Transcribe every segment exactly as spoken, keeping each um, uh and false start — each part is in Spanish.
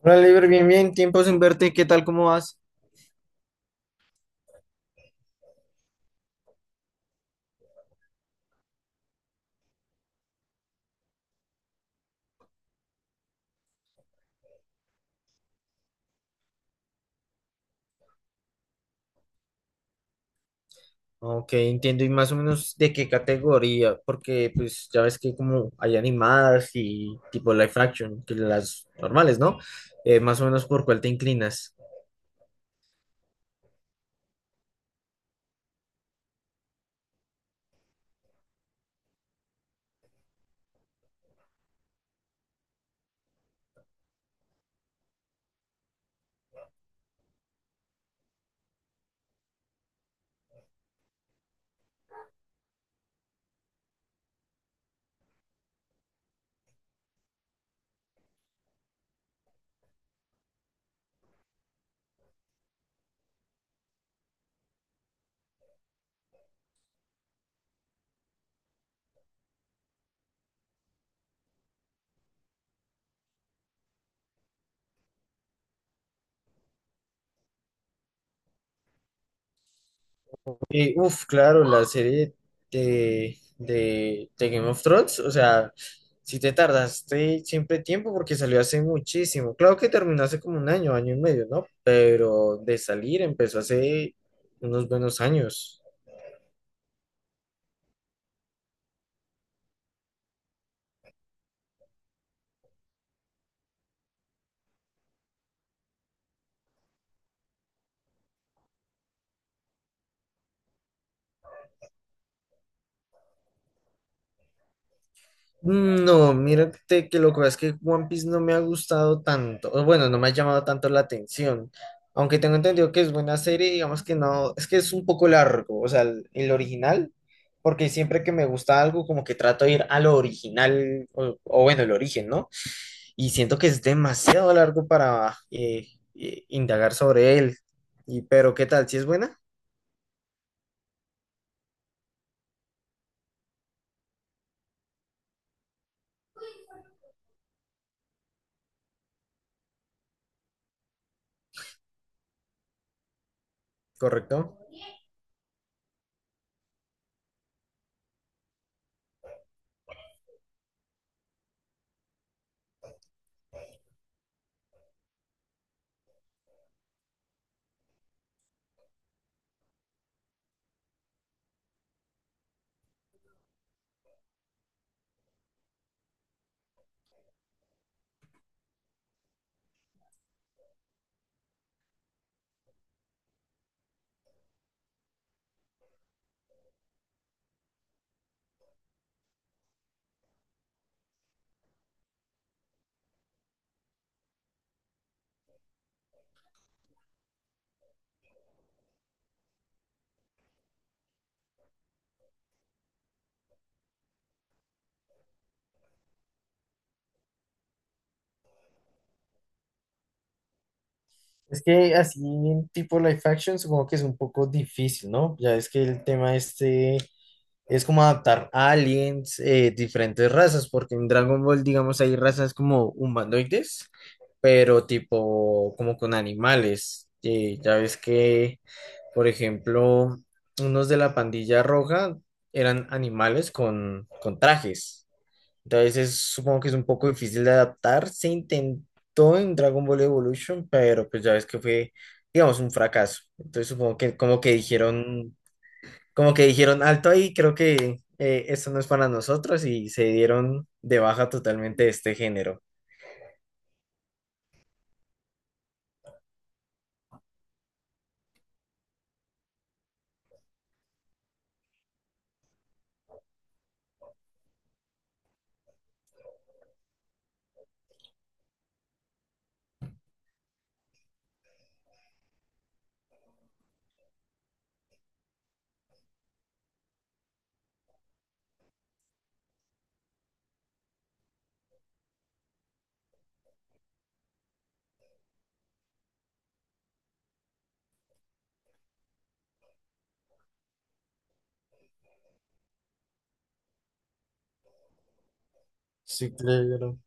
Hola, Liber, bien, bien, tiempo sin verte, ¿qué tal, cómo vas? Ok, entiendo, y más o menos de qué categoría, porque pues ya ves que como hay animadas y tipo live action, que las normales, ¿no? Eh, más o menos por cuál te inclinas. Eh, uf, claro, la serie de, de, de Game of Thrones, o sea, si te tardaste siempre tiempo porque salió hace muchísimo. Claro que terminó hace como un año, año y medio, ¿no? Pero de salir empezó hace unos buenos años. No, mírate que lo que pasa es que One Piece no me ha gustado tanto, o bueno, no me ha llamado tanto la atención, aunque tengo entendido que es buena serie, digamos que no, es que es un poco largo, o sea, el, el original, porque siempre que me gusta algo como que trato de ir a lo original, o, o bueno, el origen, ¿no? Y siento que es demasiado largo para eh, eh, indagar sobre él, y pero ¿qué tal? ¿Si es buena? ¿Correcto? Es que así en tipo live action supongo que es un poco difícil, ¿no? Ya es que el tema este es como adaptar aliens, eh, diferentes razas, porque en Dragon Ball, digamos, hay razas como humanoides, pero tipo como con animales. Eh, ya ves que, por ejemplo, unos de la pandilla roja eran animales con, con trajes. Entonces supongo que es un poco difícil de adaptar. Se intentó en Dragon Ball Evolution, pero pues ya ves que fue, digamos, un fracaso. Entonces supongo que como que dijeron, como que dijeron alto ahí, creo que eh, esto no es para nosotros y se dieron de baja totalmente de este género. Sí, claro.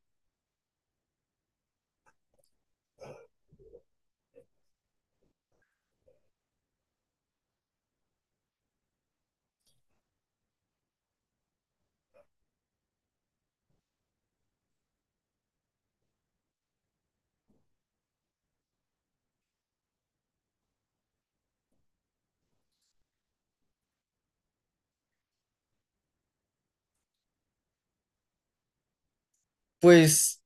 Pues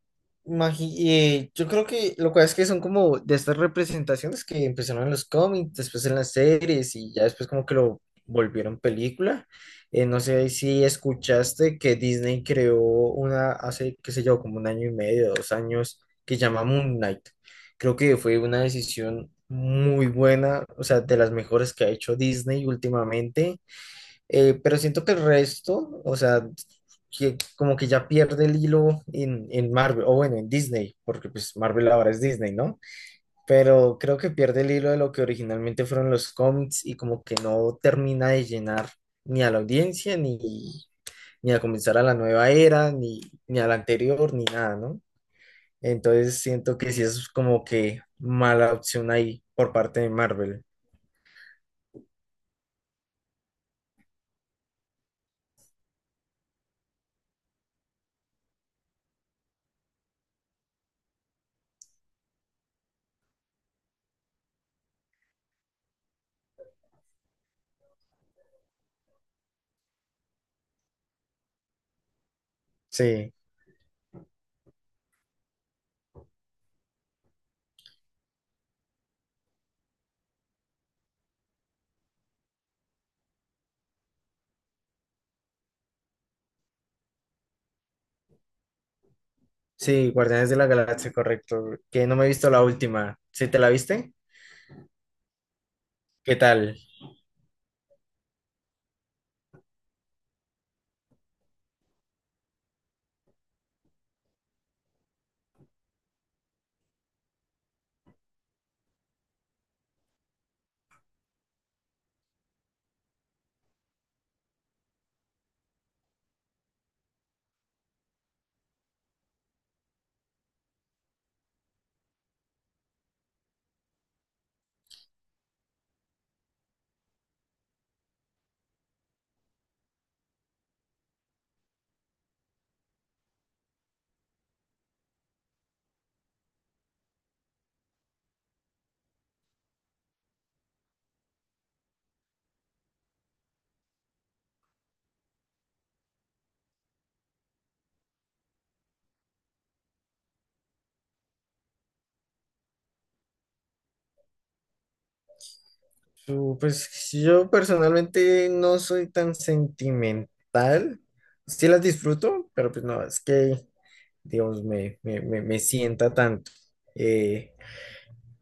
imagi- eh, yo creo que lo cual es que son como de estas representaciones que empezaron en los cómics, después en las series y ya después como que lo volvieron película. Eh, no sé si escuchaste que Disney creó una hace, qué sé yo, como un año y medio, dos años, que llama Moon Knight. Creo que fue una decisión muy buena, o sea, de las mejores que ha hecho Disney últimamente, eh, pero siento que el resto, o sea, que como que ya pierde el hilo en, en Marvel, o bueno, en Disney, porque pues Marvel ahora es Disney, ¿no? Pero creo que pierde el hilo de lo que originalmente fueron los cómics y como que no termina de llenar ni a la audiencia, ni, ni a comenzar a la nueva era, ni, ni a la anterior, ni nada, ¿no? Entonces siento que sí es como que mala opción ahí por parte de Marvel. Sí. Sí, Guardianes de la Galaxia, correcto. Que no me he visto la última. ¿Sí te la viste? ¿Qué tal? Su- Pues yo personalmente no soy tan sentimental. Sí las disfruto, pero pues no, es que, digamos, me, me, me, me sienta tanto. Eh,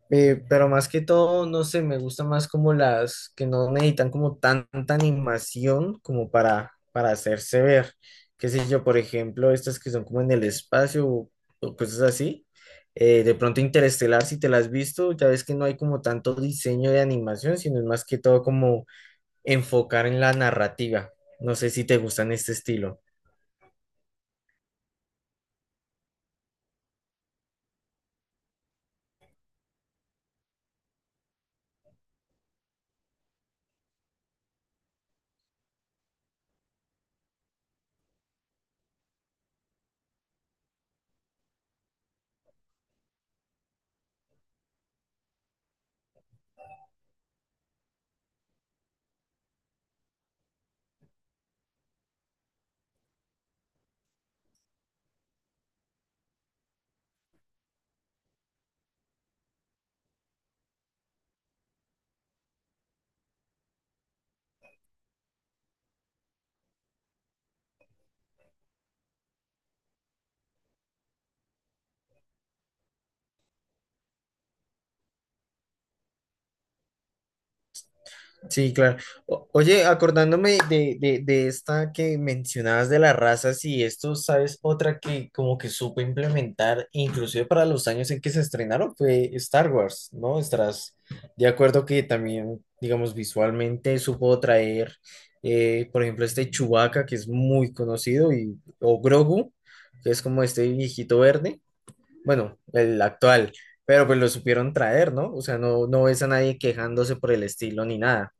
Eh, pero más que todo, no sé, me gusta más como las que no necesitan como tanta animación como para, para hacerse ver. Qué sé yo, por ejemplo, estas que son como en el espacio o, o cosas así. Eh, de pronto Interestelar, si te las has visto, ya ves que no hay como tanto diseño de animación, sino es más que todo como enfocar en la narrativa. No sé si te gustan este estilo. Sí, claro. O- oye, acordándome de, de, de esta que mencionabas de las razas y esto, ¿sabes? Otra que como que supo implementar, inclusive para los años en que se estrenaron, fue Star Wars, ¿no? Estás de acuerdo que también, digamos, visualmente supo traer, eh, por ejemplo, este Chewbacca, que es muy conocido, y, o Grogu, que es como este viejito verde, bueno, el actual. Pero pues lo supieron traer, ¿no? O sea, no, no ves a nadie quejándose por el estilo ni nada.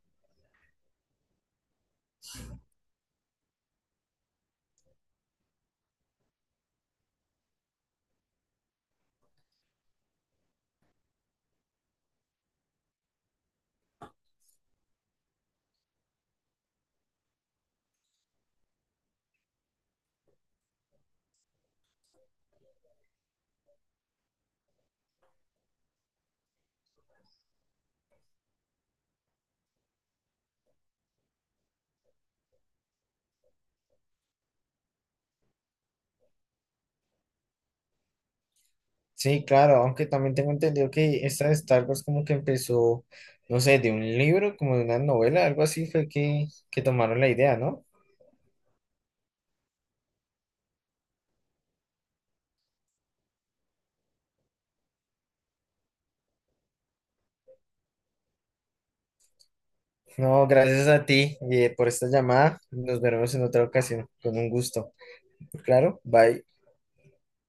Sí, claro, aunque también tengo entendido que esta de Star Wars como que empezó, no sé, de un libro, como de una novela, algo así fue que, que tomaron la idea, ¿no? No, gracias a ti eh, por esta llamada. Nos veremos en otra ocasión, con un gusto. Claro, bye.